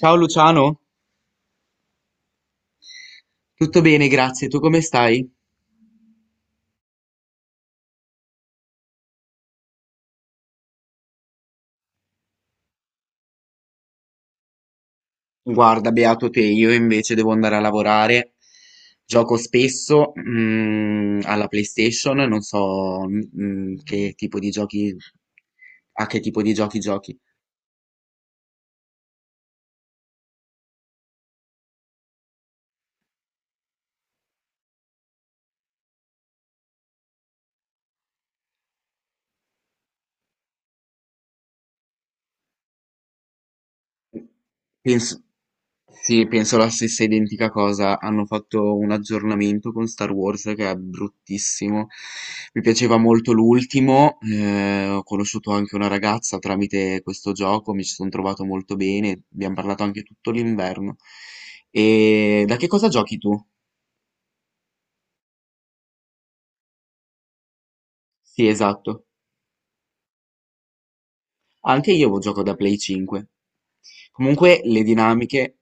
Ciao Luciano, tutto bene, grazie. Tu come stai? Guarda, beato te, io invece devo andare a lavorare. Gioco spesso alla PlayStation, non so che tipo di giochi, a che tipo di giochi giochi. Penso, sì, penso la stessa identica cosa. Hanno fatto un aggiornamento con Star Wars che è bruttissimo. Mi piaceva molto l'ultimo. Ho conosciuto anche una ragazza tramite questo gioco, mi ci sono trovato molto bene. Abbiamo parlato anche tutto l'inverno. E da che cosa giochi tu? Sì, esatto. Anche io gioco da Play 5. Comunque le dinamiche.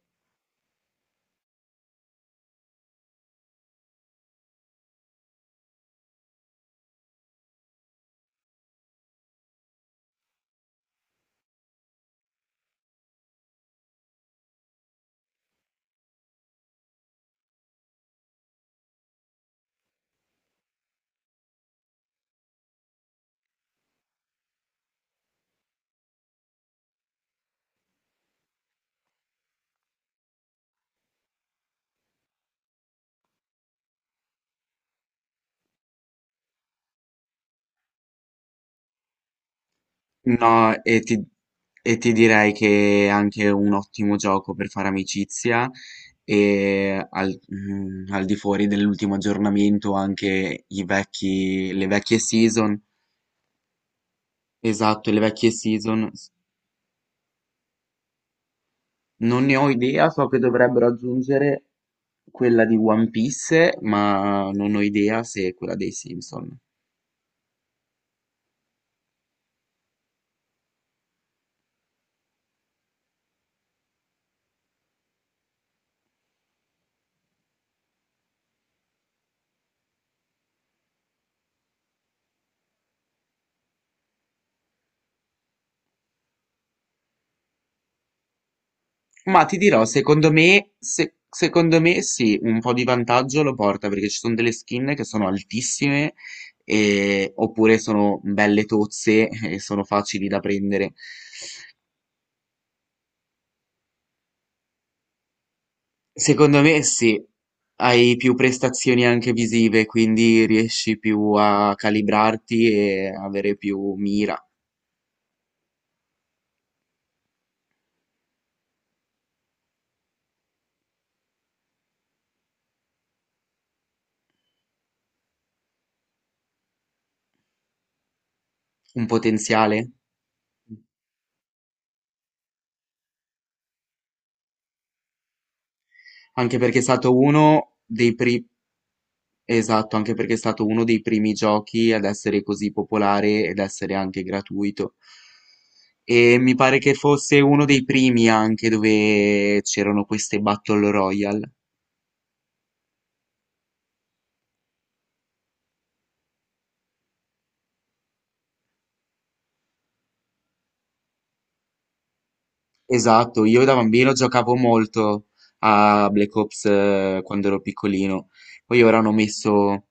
No, e ti direi che è anche un ottimo gioco per fare amicizia e al di fuori dell'ultimo aggiornamento anche le vecchie season, esatto, le vecchie season, non ne ho idea, so che dovrebbero aggiungere quella di One Piece, ma non ho idea se è quella dei Simpson. Ma ti dirò, secondo me, secondo me sì, un po' di vantaggio lo porta perché ci sono delle skin che sono altissime oppure sono belle tozze e sono facili da prendere. Secondo me sì, hai più prestazioni anche visive, quindi riesci più a calibrarti e avere più mira, un potenziale. Anche perché è stato uno esatto, anche perché è stato uno dei primi giochi ad essere così popolare ed essere anche gratuito. E mi pare che fosse uno dei primi anche dove c'erano queste Battle Royale. Esatto, io da bambino giocavo molto a Black Ops, quando ero piccolino. Poi ora hanno messo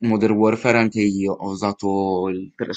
Modern Warfare anche io, ho usato il 3.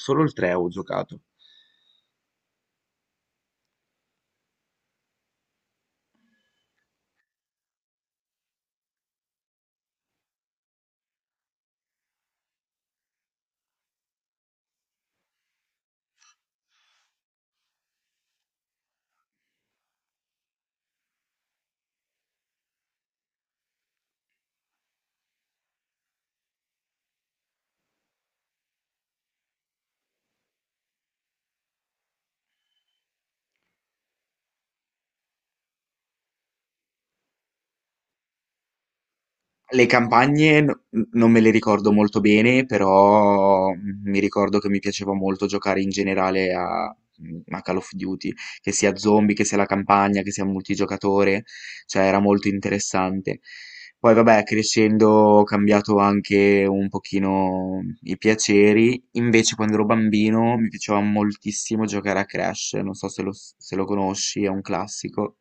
Le campagne n- Non me le ricordo molto bene, però mi ricordo che mi piaceva molto giocare in generale a Call of Duty, che sia zombie, che sia la campagna, che sia multigiocatore, cioè era molto interessante. Poi vabbè, crescendo ho cambiato anche un pochino i piaceri, invece quando ero bambino mi piaceva moltissimo giocare a Crash, non so se lo conosci, è un classico.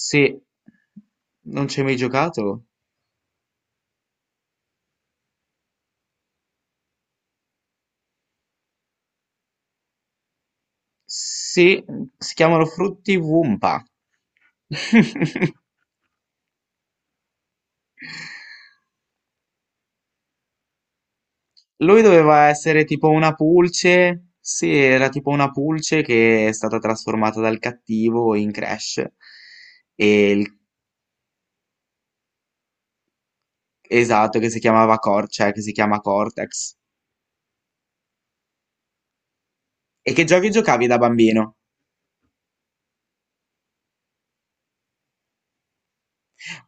Se non ci hai mai giocato? Sì, si chiamano Frutti Wumpa. Lui doveva essere tipo una pulce. Sì, era tipo una pulce che è stata trasformata dal cattivo in Crash. E il- esatto, che si chiamava Cor- cioè che si chiama Cortex. E che giochi giocavi da bambino?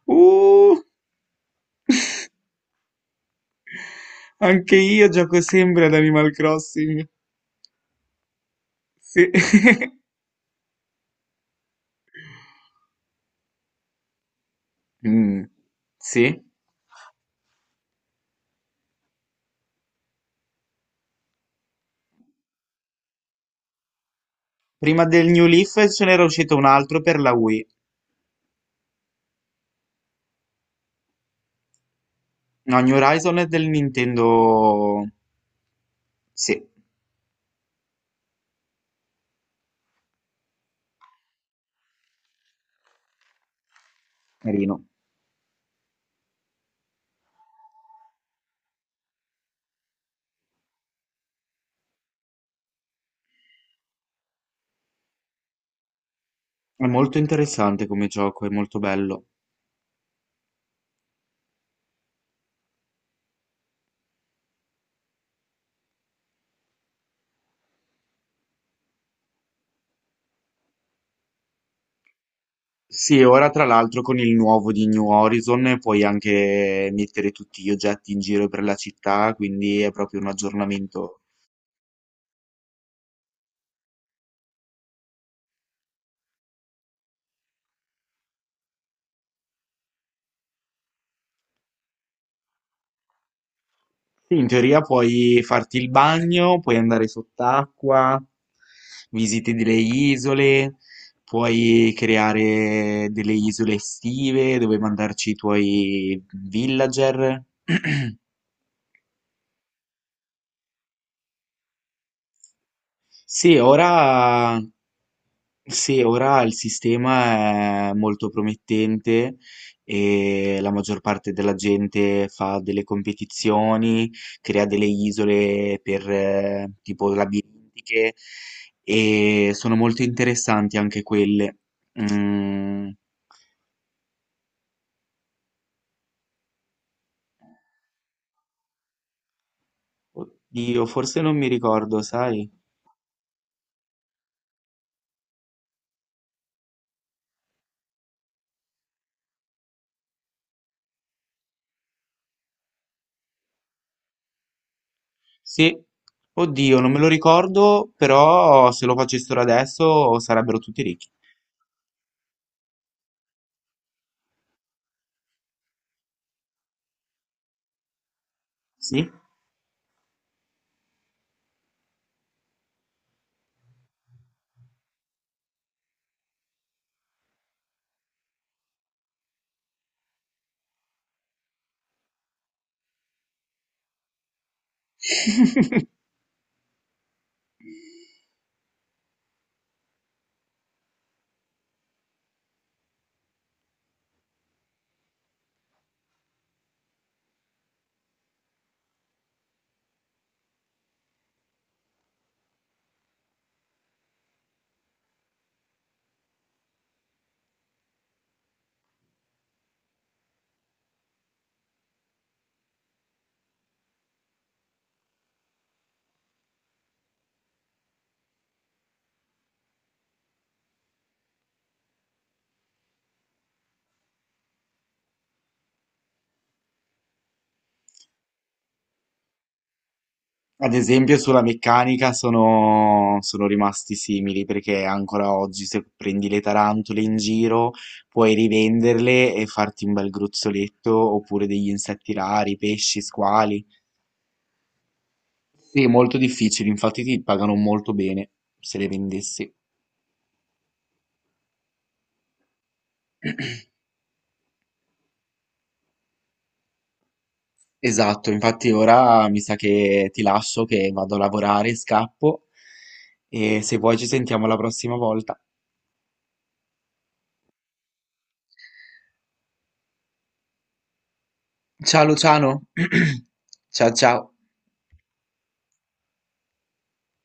Uh, anche io gioco sempre ad Animal Crossing. Sì. Mm, sì. Prima del New Leaf ce n'era uscito un altro per la Wii. No, New Horizon è del Nintendo... Sì, carino. È molto interessante come gioco, è molto bello. Sì, ora tra l'altro con il nuovo di New Horizon puoi anche mettere tutti gli oggetti in giro per la città, quindi è proprio un aggiornamento. Sì, in teoria puoi farti il bagno, puoi andare sott'acqua, visiti delle isole, puoi creare delle isole estive dove mandarci i tuoi villager. Sì, ora, sì, ora il sistema è molto promettente e la maggior parte della gente fa delle competizioni, crea delle isole per tipo labirintiche e sono molto interessanti anche quelle. Mm, oddio, forse non mi ricordo, sai? Sì, oddio, non me lo ricordo, però se lo facessero adesso sarebbero tutti ricchi. Sì. Ad esempio sulla meccanica sono rimasti simili perché ancora oggi se prendi le tarantole in giro puoi rivenderle e farti un bel gruzzoletto oppure degli insetti rari, pesci, squali. Sì, è molto difficile, infatti ti pagano molto bene se le vendessi. Esatto, infatti ora mi sa che ti lascio che vado a lavorare, scappo e se vuoi ci sentiamo la prossima volta. Ciao Luciano, ciao ciao.